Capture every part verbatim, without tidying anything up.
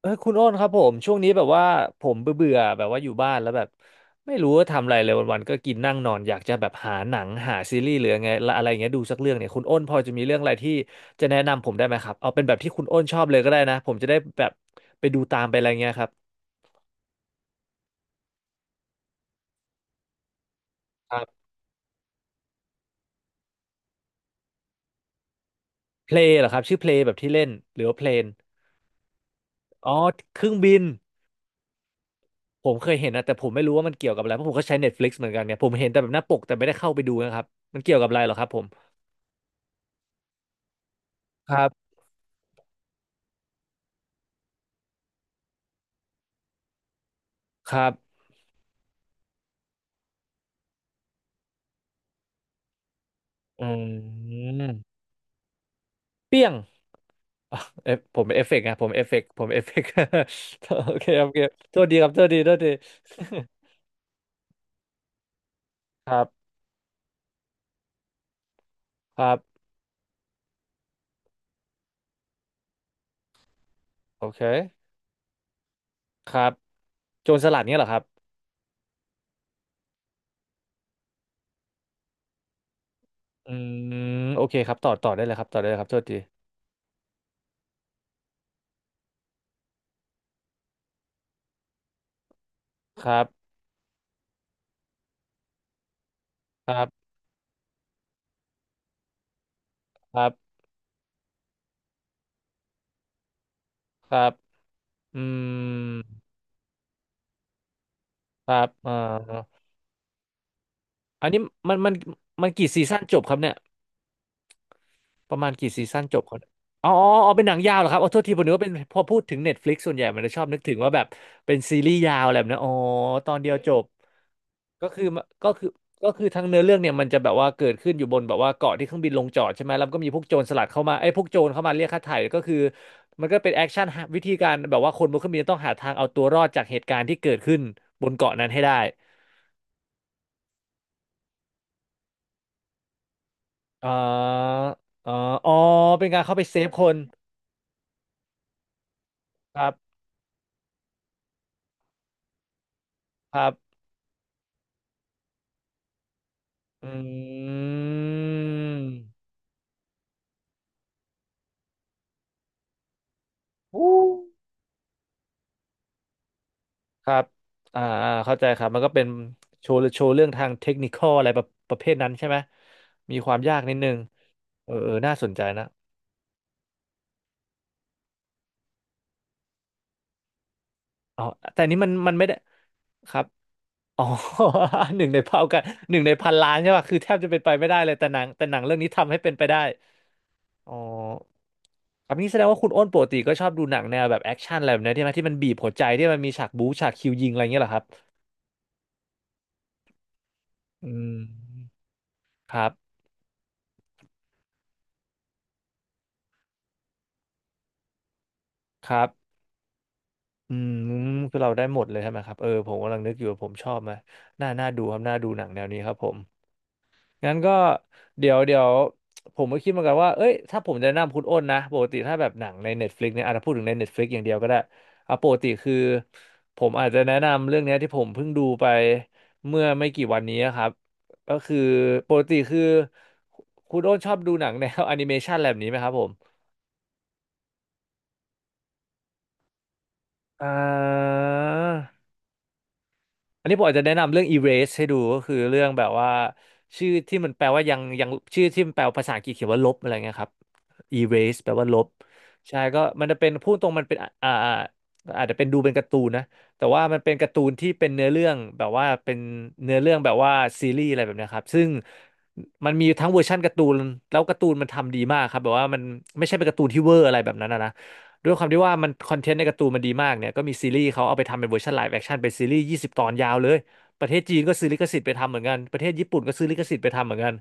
เออคุณโอ้นครับผมช่วงนี้แบบว่าผมเบื่อเบื่อแบบว่าอยู่บ้านแล้วแบบไม่รู้ว่าทำอะไรเลยวันๆก็กินนั่งนอนอยากจะแบบหาหนังหาซีรีส์หรือไงละอะไรอย่างเงี้ยดูสักเรื่องเนี่ยคุณโอ้นพอจะมีเรื่องอะไรที่จะแนะนำผมได้ไหมครับเอาเป็นแบบที่คุณโอ้นชอบเลยก็ได้นะผมจะได้แบบไปดูตามไปอะไรเงี้ยครับครับเพลงเหรอครับชื่อเพลงแบบที่เล่นหรือว่าเพลนอ๋อเครื่องบินผมเคยเห็นนะแต่ผมไม่รู้ว่ามันเกี่ยวกับอะไรเพราะผมก็ใช้ Netflix เหมือนกันเนี่ยผมเห็นแต่แบบหน้าปกแต่ไม่ได้เข้าไปดูนะครับมันเกี่ยวกับอะไรเหรอครับผมครับครับอืม เปี้ยง อ่ะเอฟผมเอฟเฟกต์นะผมเอฟเฟกต์ผมเอฟเฟกต์ โอเคโอเคโทษดีครับโทษดีโทษดี ครับครับโอเคครับโจรสลัดเนี้ยเหรอครับอืมโอเคครับต่อต่อได้เลยครับต่อได้เลยครับโทษทีครับครับครับครับอืมครับเอ่ออันนี้มันมันมันกี่ซีซั่นจบครับเนี่ยประมาณกี่ซีซั่นจบครับอ๋ออ๋ออ๋อเป็นหนังยาวเหรอครับอ๋อโทษทีผมนึกว่าเป็นพอพูดถึง Netflix ส่วนใหญ่มันจะชอบนึกถึงว่าแบบเป็นซีรีส์ยาวอะไรแบบนั้นอ๋อตอนเดียวจบ ก็คือก็คือก็คือทั้งเนื้อเรื่องเนี่ยมันจะแบบว่าเกิดขึ้นอยู่บนแบบว่าเกาะที่เครื่องบินลงจอดใช่ไหมแล้วก็มีพวกโจรสลัดเข้ามาไอ้ยพวกโจรเข้ามาเรียกค่าไถ่ก็คือมันก็เป็นแอคชั่นวิธีการแบบว่าคนบนเครื่องบินต้องหาทางเอาตัวรอดจากเหตุการณ์ที่เกิดขึ้นบนเกาะนั้นให้ได้เอ่อเอ่ออ๋อเป็นการเข้าไปเซฟคนครับครับอืมอู้ ครับอ่าอ่าเข้าใจครับ มันก็เป็นโชว์โชว์เรื่องทางเทคนิคอลอะไรประประเภทนั้นใช่ไหม มีความยากนิดนึงเออเออน่าสนใจนะอ๋อแต่นี้มันมันไม่ได้ ครับ อ๋อ หนึ่งในเผ่ากัน หนึ่งในพันล้านใช่ป่ะคือแทบจะเป็นไปไม่ได้เลยแต่หนังแต่หนังเรื่องนี้ทำให้เป็นไปได้ อ๋อครับนี่แสดงว่าคุณอ้นปกติก็ชอบดูหนังแนวแบบแอคชั่นอะไรแบบนี้ใช่ไหมที่มันบีบหัวใจที่มันมีฉากบู๊ฉากคิวยิงอะไรอย่างเงี้ยเหรอครับอืมครับครับ อืมคือเราได้หมดเลยใช่ไหมครับเออผมกำลังนึกอยู่ว่าผมชอบไหมน่าน่าดูครับน่าดูหนังแนวนี้ครับผมงั้นก็เดี๋ยวเดี๋ยวผมก็คิดเหมือนกันว่าเอ้ยถ้าผมจะแนะนำคุณอ้นนะปกติถ้าแบบหนังใน Netflix เนี่ยอาจจะพูดถึงใน Netflix อย่างเดียวก็ได้เอาปกติคือผมอาจจะแนะนำเรื่องเนี้ยที่ผมเพิ่งดูไปเมื่อไม่กี่วันนี้ครับก็คือปกติคือคุณอ้นชอบดูหนังแนว แอนิเมชันแบบนี้ไหมครับผมอ่า อันนี้ผมอาจจะแนะนำเรื่อง erase ให้ดูก็คือเรื่องแบบว่าชื่อที่มันแปลว่ายังยังชื่อที่มันแปลภาษาอังกฤษเขียนว่าลบอะไรเงี้ยครับ erase แปลว่าลบใช่ก็มันจะเป็นพูดตรงมันเป็นอ่าอ่าอาจจะเป็นดูเป็นการ์ตูนนะแต่ว่ามันเป็นการ์ตูนที่เป็นเนื้อเรื่องแบบว่าเป็นเนื้อเรื่องแบบว่าซีรีส์อะไรแบบเนี้ยครับซึ่งมันมีทั้งเวอร์ชันการ์ตูนแล้วการ์ตูนมันทำดีมากครับแบบว่ามันไม่ใช่เป็นการ์ตูนที่เวอร์อะไรแบบนั้นนะ ด้วยความที่ว่ามันคอนเทนต์ในการ์ตูนมันดีมากเนี่ยก็มีซีรีส์เขาเอาไปทำเป็นเวอร์ชันไลฟ์แอคชั่นเป็นซีรีส์ยี่สิบตอนยาวเลยประเทศจีนก็ซื้อลิขสิทธิ์ไปทำเหมือนกันประเทศญี่ปุ่นก็ซื้อลิขสิทธิ์ไปทำเหมือนกัน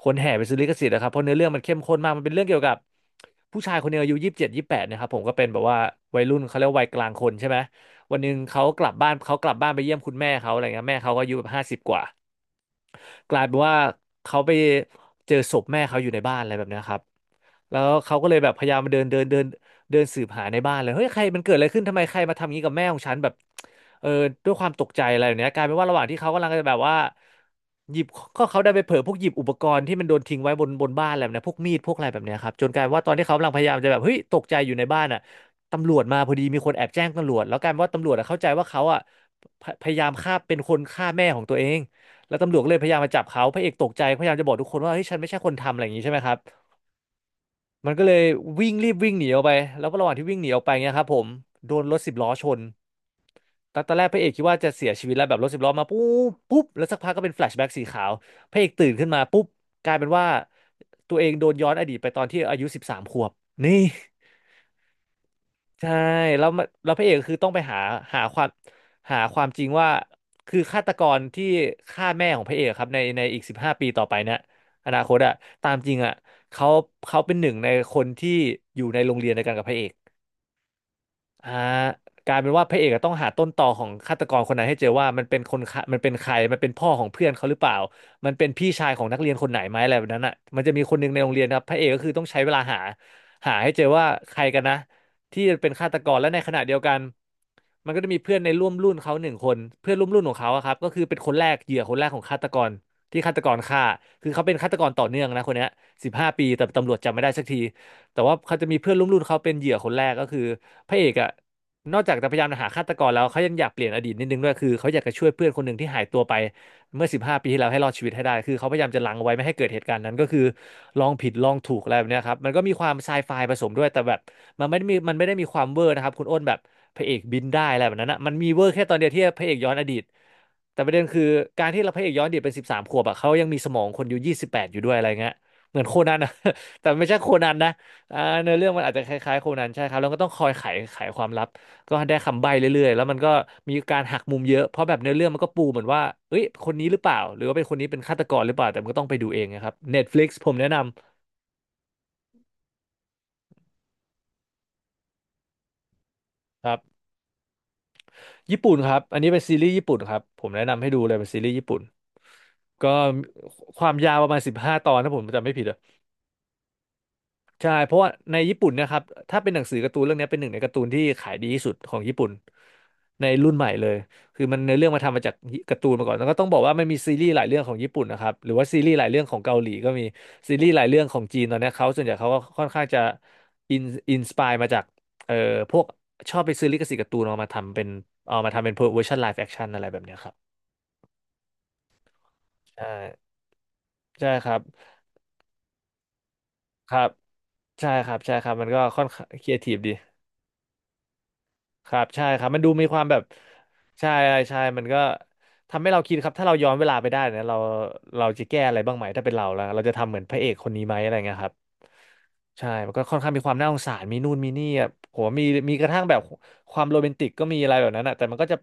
คนแห่ไปซื้อลิขสิทธิ์นะครับเพราะเนื้อเรื่องมันเข้มข้นมากมันเป็นเรื่องเกี่ยวกับผู้ชายคนหนึงอายุยี่สิบเจ็ดยี่สิบแปดนะครับผมก็เป็นแบบว่าวัยรุ่นเขาเรียกว่าวัยกลางคนใช่ไหมวันหนึ่งเขากลับบ้านเขากลับบ้านไปเยี่ยมคุณแม่เขาอะไรเงี้ยแม่เขาก็อายุแบบห้าสิบกว่ากลายเป็นว่าเขาไปเจอศพแม่เขาอยู่ในบ้านอะไรแบบเนี้ยครับ แล้วเขาก็เลยแบบพยายามมาเดินเดินเดินเดินสืบหาในบ้านเลยเฮ้ยใครมันเกิดอะไรขึ้นทำไมใครมาทำงี้กับแม่ของฉันแบบเออด้วยความตกใจอะไรแบบเนี้ยกลายเป็นว่าระหว่างที่เขากำลังจะแบบว่าหยิบก็เขาได้ไปเผลอพวกหยิบอุปกรณ์ที่มันโดนทิ้งไว้บนบนบ้านอะไรแบบเนี้ยพวกมีดพวกอะไรแบบเนี้ยครับจนกลายเป็นว่าตอนที่เขากำลังพยายามจะแบบเฮ้ยตกใจอยู่ในบ้านอ่ะตำรวจมาพอดีมีคนแอบแจ้งตำรวจแล้วกลายเป็นว่าตำรวจอะเข้าใจว่าเขาอ่ะพพยายามฆ่าเป็นคนฆ่าแม่ของตัวเองแล้วตำรวจก็เลยพยายามมาจับเขาพระเอกตกใจพยายามจะบอกทุกคนว่าเฮ้ยฉันไม่ใช่คนทำอะไรอย่างนี้ใช่ไหมครับ มันก็เลยวิ่งรีบวิ่งหนีออกไปแล้วก็ระหว่างที่วิ่งหนีออกไปเงี้ยครับผมโดนรถสิบล้อชนตอนตอนแรกพระเอกคิดว่าจะเสียชีวิตแล้วแบบรถสิบล้อมาปุ๊บปุ๊บแล้วสักพักก็เป็นแฟลชแบ็กสีขาวพระเอกตื่นขึ้นมาปุ๊บกลายเป็นว่าตัวเองโดนย้อนอดีตไปตอนที่อายุสิบสามขวบนี่ ใช่แล้วมันแล้วพระเอกก็คือต้องไปหาหาความหาความจริงว่าคือฆาตกรที่ฆ่าแม่ของพระเอกครับในในอีกสิบห้าปีต่อไปเนี่ยอนาคตอะตามจริงอะเขาเขาเป็นหนึ่งในคนที่อยู่ในโรงเรียนเดียวกันกับพระเอก อ่ากลายเป็นว่าพระเอกอะต้องหาต้นตอของฆาตกรคนนั้นให้เจอว่ามันเป็นคนฆ่ามันเป็นใครมันเป็นพ่อของเพื่อนเขาหรือเปล่ามันเป็นพี่ชายของนักเรียนคนไหนไหมอะไรแบบนั้นอ่ะมันจะมีคนหนึ่งในโรงเรียนนะครับพระเอกก็คือต้องใช้เวลาหาหาให้เจอว่าใครกันนะที่เป็นฆาตกรและในขณะเดียวกันมันก็จะมีเพื่อนในร่วมรุ่นเขาหนึ่งคนเพื่อนร่วมรุ่นของเขาอะครับก็คือเป็นคนแรกเหยื่อคนแรกของฆาตกรที่ฆาตกรฆ่าคือเขาเป็นฆาตกรต่อเนื่องนะคนเนี้สิบห้าปีแต่ตำรวจจับไม่ได้สักที แต่ว่าเขาจะมีเพื่อนร่วมรุ่นเขาเป็นเหยื่อคนแรกก็คือพระเอกอะนอกจากจะพยายามหาฆาตกรแล้วเขายังอยากเปลี่ยนอดีตนิดนึงด้วยคือเขาอยากจะช่วยเพื่อนคนหนึ่งที่หายตัวไปเมื่อสิบห้าปีที่แล้วให้รอดชีวิตให้ได้คือเขาพยายามจะลังเอาไว้ไม่ให้เกิดเหตุการณ์นั้นก็คือลองผิดลองถูกอะไรแบบเนี้ยครับมันก็มีความไซไฟผสมด้วยแต่แบบมันไม่ได้มีมันไม่ได้มีความเวอร์นะครับคุณอ้นแบบพระเอกบินได้อะไรแบบนั้นนะมันมีเวอร์แค่ตอนเดียวที่พระเอกย้อนอดีตแต่ประเด็นคือการที่เราพระเอกย้อนอดีตเป็นสิบสามขวบอะเขายังมีสมองคนอยู่ยี่สิบแปดอยู่ด้วยอะไรเงี้ยเหมือนโคนันอะ แต่ไม่ใช่โคนันนะ อ่าเนื้อเรื่องมันอาจจะคล้ายๆโคนันใช่ครับแล้วก็ต้องคอยไขไขความลับก็ได้คำใบ้เรื่อยๆแล้วมันก็มีการหักมุมเยอะเพราะแบบเนื้อเรื่องมันก็ปูเหมือนว่าเอ้ยคนนี้หรือเปล่าหรือว่าเป็นคนนี้เป็นฆาตกรหรือเปล่าแต่มันก็ต้องไปดูเองนะครับ Netflix ผมแนะนำครับญี่ปุ่นครับอันนี้เป็นซีรีส์ญี่ปุ่นครับผมแนะนำให้ดูเลยเป็นซีรีส์ญี่ปุ่นก็ความยาวประมาณสิบห้าตอนถ้าผมจำไม่ผิด ใช่เพราะว่าในญี่ปุ่นเนะครับถ้าเป็นหนังสือการ์ตูนเรื่องนี้เป็นหนึ่งในการ์ตูนที่ขายดีที่สุดของญี่ปุ่นในรุ่นใหม่เลยคือมันเนื้อเรื่องมาทำมาจากการ์ตูนมาก่อนแล้วก็ต้องบอกว่ามันมีซีรีส์หลายเรื่องของญี่ปุ่นนะครับหรือว่าซีรีส์หลายเรื่องของเกาหลีก็มีซีรีส์หลายเรื่องของจีนตอนเนี้ยเขาส่วนใหญ่เขาก็ค่อนข้างจะอินอินสปายมาจากเอ่อพวกชอบไปซื้อลิขสิทธิ์การ์ตูนเอามาทำเป็นเอามาทำเป็นเวอร์ชันไลฟ์แอคชั่นอะไรแบบเนี้ยครับใช่ใช่ครับครับใช่ครับใช่ครับมันก็ค่อนข้างครีเอทีฟดี ครับใช่ครับมันดูมีความแบบใช่ใช่มันก็ทำให้เราคิดครับถ้าเราย้อนเวลาไปได้นะเราเราจะแก้อะไรบ้างไหมถ้าเป็นเราแล้วเราจะทำเหมือนพระเอกคนนี้ไหมอะไรเงี้ยครับใช่มันก็ค่อนข้างมีความน่าสงสารมีนู่นมีนี่อะผมว่ามีมีกระทั่งแบบความโรแมนติกก็มีอะไรแบบนั้นอะแต่มันก็จะ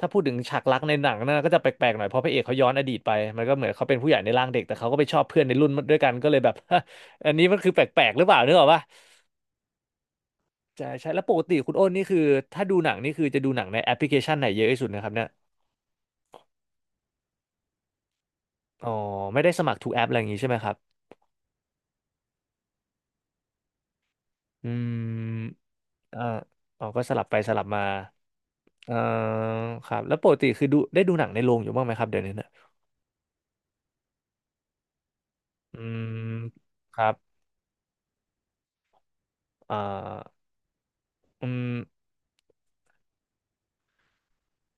ถ้าพูดถึงฉากรักในหนังนะก็จะแปลกๆหน่อยเพราะพระเอกเขาย้อนอดีตไปมันก็เหมือนเขาเป็นผู้ใหญ่ในร่างเด็กแต่เขาก็ไปชอบเพื่อนในรุ่นด้วยกันก็เลยแบบ อันนี้มันคือแปลกๆหรือเปล่านึกออกปะ ใช่ใช่แล้วปกติคุณอ้นนี่คือถ้าดูหนังนี่คือจะดูหนังในแอปพลิเคชันไหนเยอะที่สุดนะครับเนี่ยอ๋อไม่ได้สมัครทุกแอปอะไรอย่างงี้ใช่ไหมครับอืมเอ่ออ๋อก็สลับไปสลับมาเอ่อครับแล้วปกติคือดูได้ดูหนังในโรงอยู่บ้างไหมครับเดี๋ยวนี้เนี่ยอืมครับอ่าอืม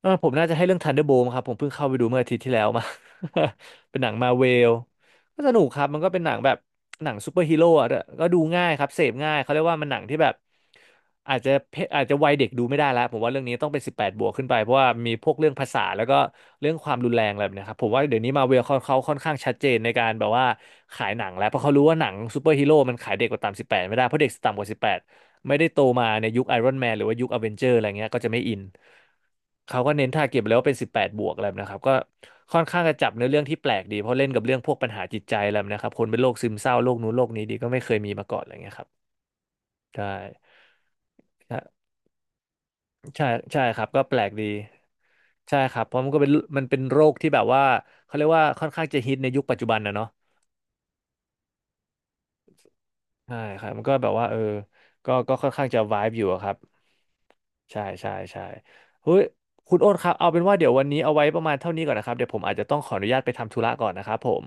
เออผมน่าจะให้เรื่อง ธันเดอร์โบลต์ ครับผมเพิ่งเข้าไปดูเมื่ออาทิตย์ที่แล้วมา เป็นหนังมาเวลก็สนุกครับมันก็เป็นหนังแบบหนังซูเปอร์ฮีโร่อะก็ดูง่ายครับเสพง่ายเขาเรียกว่ามันหนังที่แบบอาจจะเพอาจจะวัยเด็กดูไม่ได้แล้วผมว่าเรื่องนี้ต้องเป็นสิบแปดบวกขึ้นไปเพราะว่ามีพวกเรื่องภาษาแล้วก็เรื่องความรุนแรงอะไรแบบเนะครับผมว่าเดี๋ยวนี้มาเวลเขาเขาค่อนข้างชัดเจนในการแบบว่าขายหนังแล้วเพราะเขารู้ว่าหนังซูเปอร์ฮีโร่มันขายเด็กกว่าต่ำสิบแปดไม่ได้เพราะเด็กต่ำกว่าสิบแปด ไม่ได้โตมาในยุคไอรอนแมนหรือว่ายุคอเวนเจอร์อะไรเงี้ยก็จะไม่อินเขาก็เน้นทาร์เก็ตแล้วว่าเป็นสิบแปดบวกอะไรแบบนะครับก็ค่อนข้างจะจับเนื้อเรื่องที่แปลกดีเพราะเล่นกับเรื่องพวกปัญหาจิตใจอะไรแบบนะครับคนเป็นโรคซึมเศร้าโรคนู้นโรคนี้ดีก็ไม่เคยมีมาก่อนอะไรเงี้ยครับใช่ใช่ใช่ใช่ครับก็แปลกดีใช่ครับเพราะมันก็เป็นมันเป็นโรคที่แบบว่าเขาเรียกว่าค่อนข้างจะฮิตในยุคปัจจุบันนะเนาะ ใช่ครับมันก็แบบว่าเออ ก็ก็ค่อนข้างจะ ไวบ์ อยู่อะครับใช่ใช่ใช่เฮ้ยคุณโอ๊ตครับเอาเป็นว่าเดี๋ยววันนี้เอาไว้ประมาณเท่านี้ก่อนนะครับเดี๋ยวผมอาจจะต้องขออนุญาตไปทำธุระก่อนนะครับผม